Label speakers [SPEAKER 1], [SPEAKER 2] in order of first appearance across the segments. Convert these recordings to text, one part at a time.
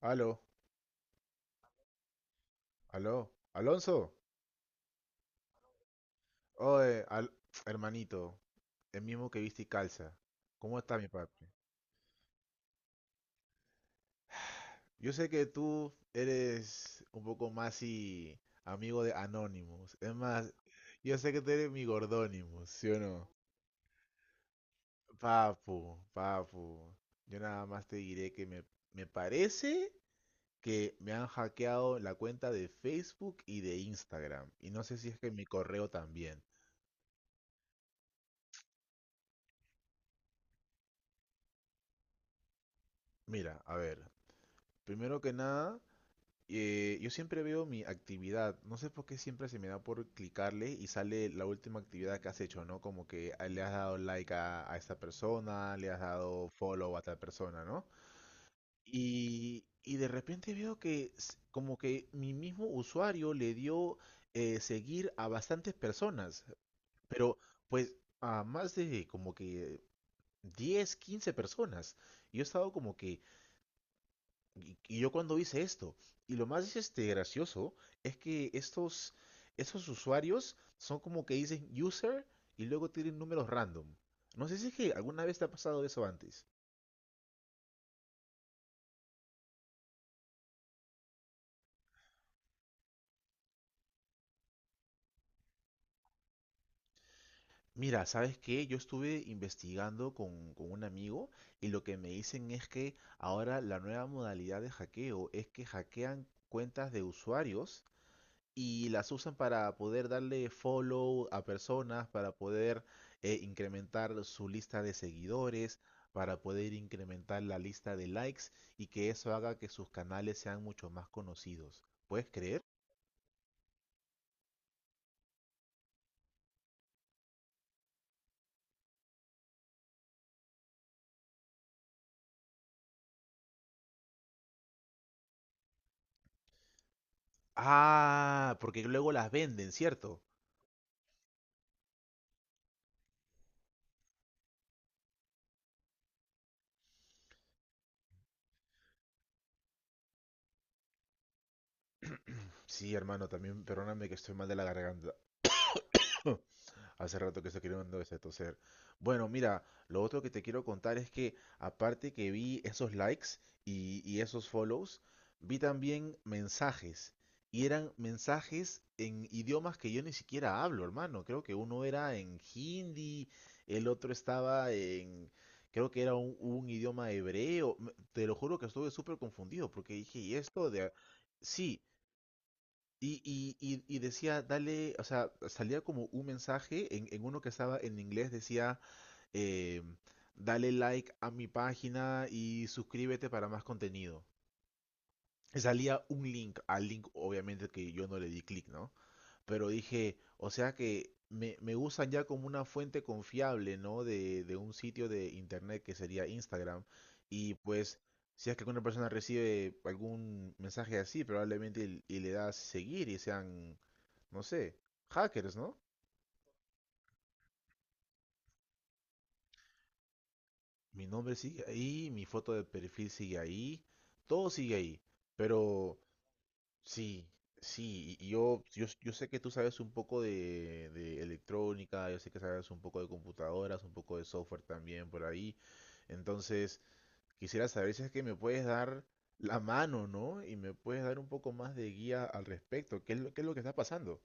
[SPEAKER 1] Aló, aló, Alonso. Oye, hermanito, el mismo que viste y calza. ¿Cómo está mi papi? Yo sé que tú eres un poco más y amigo de Anonymous. Es más, yo sé que tú eres mi Gordonymous, ¿sí o no? Papu, papu. Yo nada más te diré que me parece que me han hackeado la cuenta de Facebook y de Instagram. Y no sé si es que mi correo también. Mira, a ver, primero que nada. Yo siempre veo mi actividad. No sé por qué siempre se me da por clicarle y sale la última actividad que has hecho, ¿no? Como que ah, le has dado like a esta persona, le has dado follow a tal persona, ¿no? Y de repente veo que como que mi mismo usuario le dio seguir a bastantes personas, pero pues a más de como que 10 15 personas. Y yo he estado como y yo cuando hice esto, y lo más este, gracioso es que estos usuarios son como que dicen user y luego tienen números random. No sé si es que alguna vez te ha pasado eso antes. Mira, ¿sabes qué? Yo estuve investigando con un amigo y lo que me dicen es que ahora la nueva modalidad de hackeo es que hackean cuentas de usuarios y las usan para poder darle follow a personas, para poder incrementar su lista de seguidores, para poder incrementar la lista de likes y que eso haga que sus canales sean mucho más conocidos. ¿Puedes creer? Ah, porque luego las venden, ¿cierto? Sí, hermano, también perdóname que estoy mal de la garganta. Hace rato que estoy queriendo este toser. Bueno, mira, lo otro que te quiero contar es que aparte que vi esos likes y esos follows, vi también mensajes. Y eran mensajes en idiomas que yo ni siquiera hablo, hermano. Creo que uno era en hindi, el otro estaba en... Creo que era un idioma hebreo. Me- Te lo juro que estuve súper confundido porque dije, ¿y esto de...? A-?". Sí, y decía, dale, o sea, salía como un mensaje en uno que estaba en inglés, decía, eh, dale like a mi página y suscríbete para más contenido. Y salía un link, al link obviamente que yo no le di clic, ¿no? Pero dije, o sea que me usan ya como una fuente confiable, ¿no? De un sitio de internet que sería Instagram. Y pues, si es que alguna persona recibe algún mensaje así, probablemente y le das seguir y sean, no sé, hackers, ¿no? Mi nombre sigue ahí, mi foto de perfil sigue ahí, todo sigue ahí. Pero sí, sí, y yo sé que tú sabes un poco de electrónica, yo sé que sabes un poco de computadoras, un poco de software también por ahí. Entonces, quisiera saber si es que me puedes dar la mano, ¿no? Y me puedes dar un poco más de guía al respecto. ¿Qué es qué es lo que está pasando?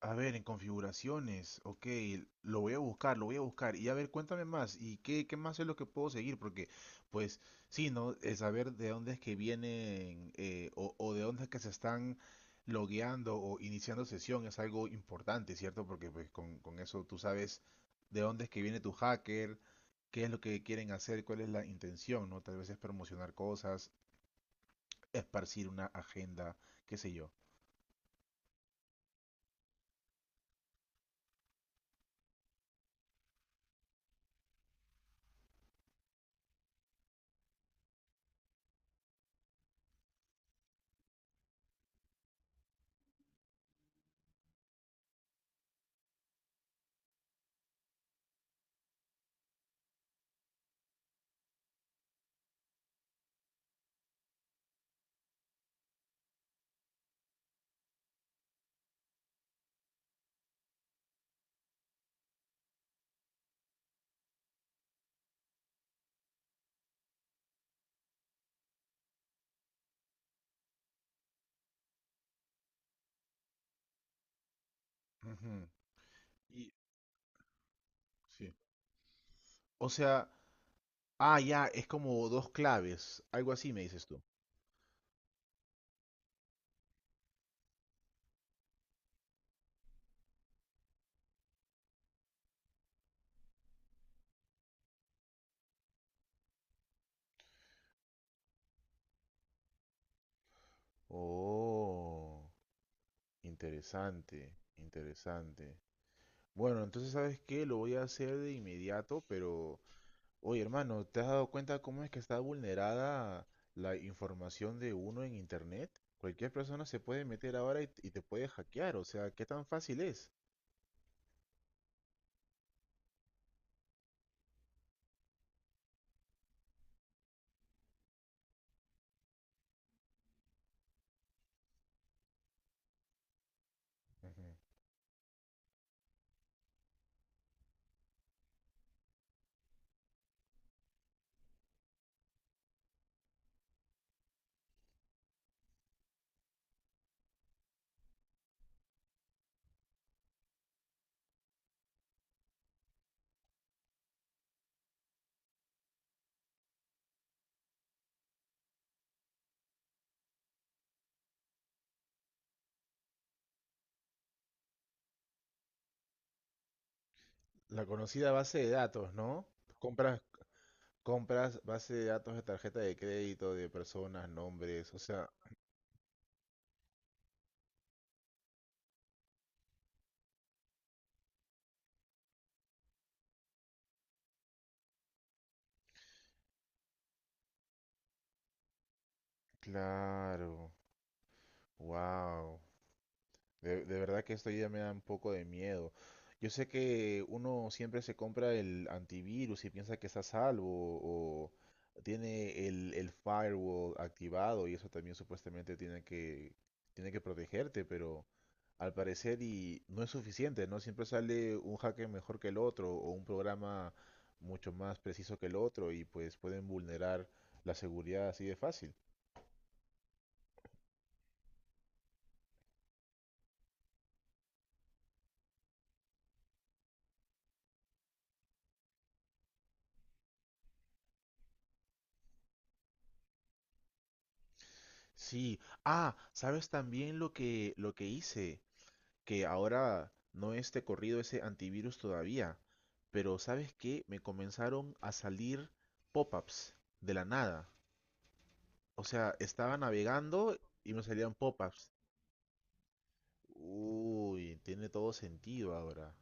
[SPEAKER 1] A ver, en configuraciones, ok, lo voy a buscar, lo voy a buscar. Y a ver, cuéntame más, ¿y qué más es lo que puedo seguir? Porque, pues, sí, ¿no? El saber de dónde es que vienen o de dónde es que se están logueando o iniciando sesión es algo importante, ¿cierto? Porque pues, con eso tú sabes de dónde es que viene tu hacker, qué es lo que quieren hacer, cuál es la intención, ¿no? Tal vez es promocionar cosas, esparcir una agenda, qué sé yo. Ujú. Y sí, o sea, ah, ya, es como dos claves, algo así me dices tú. Oh, interesante, interesante. Bueno, entonces, ¿sabes qué? Lo voy a hacer de inmediato, pero, oye, hermano, ¿te has dado cuenta cómo es que está vulnerada la información de uno en internet? Cualquier persona se puede meter ahora y te puede hackear, o sea, ¿qué tan fácil es? Ujú. La conocida base de datos, ¿no? Compras, compras base de datos de tarjeta de crédito, de personas, nombres, o sea, claro, wow. De verdad que esto ya me da un poco de miedo. Yo sé que uno siempre se compra el antivirus y piensa que está a salvo o tiene el firewall activado y eso también supuestamente tiene tiene que protegerte, pero al parecer y no es suficiente, ¿no? Siempre sale un hacker mejor que el otro o un programa mucho más preciso que el otro y pues pueden vulnerar la seguridad así de fácil. Sí, ah, ¿sabes también lo que hice? Que ahora no esté corrido ese antivirus todavía, pero ¿sabes qué? Me comenzaron a salir pop-ups de la nada. O sea, estaba navegando y me salían pop-ups. Uy, tiene todo sentido ahora.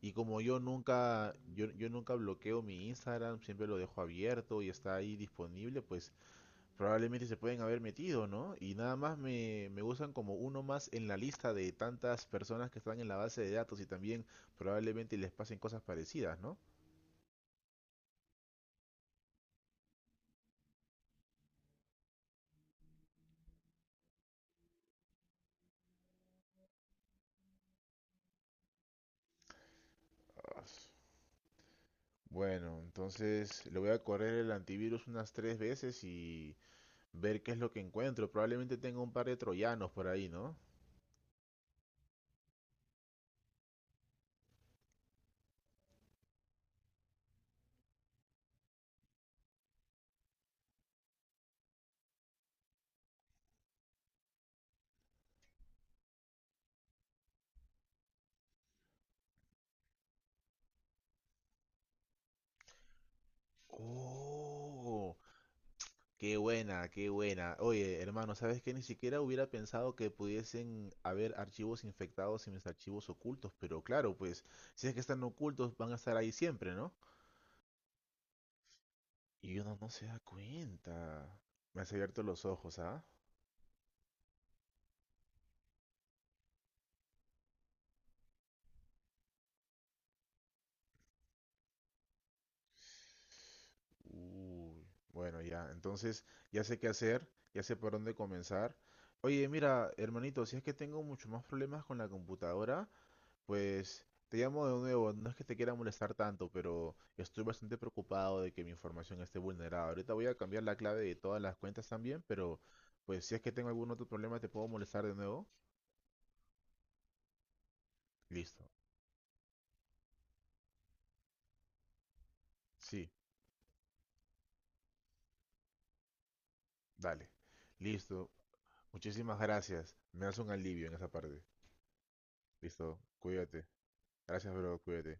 [SPEAKER 1] Y como yo nunca yo, yo nunca bloqueo mi Instagram, siempre lo dejo abierto y está ahí disponible, pues probablemente se pueden haber metido, ¿no? Y nada más me usan como uno más en la lista de tantas personas que están en la base de datos y también probablemente les pasen cosas parecidas, ¿no? Ah, bueno, entonces le voy a correr el antivirus unas 3 veces y ver qué es lo que encuentro. Probablemente tenga un par de troyanos por ahí, ¿no? Oh, qué buena, qué buena. Oye, hermano, ¿sabes qué? Ni siquiera hubiera pensado que pudiesen haber archivos infectados y mis archivos ocultos, pero claro, pues si es que están ocultos, van a estar ahí siempre, ¿no? Y uno no se da cuenta. Me has abierto los ojos, ¿ah? Uy, bueno, ya. Entonces, ya sé qué hacer, ya sé por dónde comenzar. Oye, mira, hermanito, si es que tengo mucho más problemas con la computadora, pues te llamo de nuevo, no es que te quiera molestar tanto, pero estoy bastante preocupado de que mi información esté vulnerada. Ahorita voy a cambiar la clave de todas las cuentas también, pero pues si es que tengo algún otro problema, ¿te puedo molestar de nuevo? Listo. Sí, dale. Listo. Muchísimas gracias. Me hace un alivio en esa parte. Listo. Cuídate. Gracias, bro. Cuídate.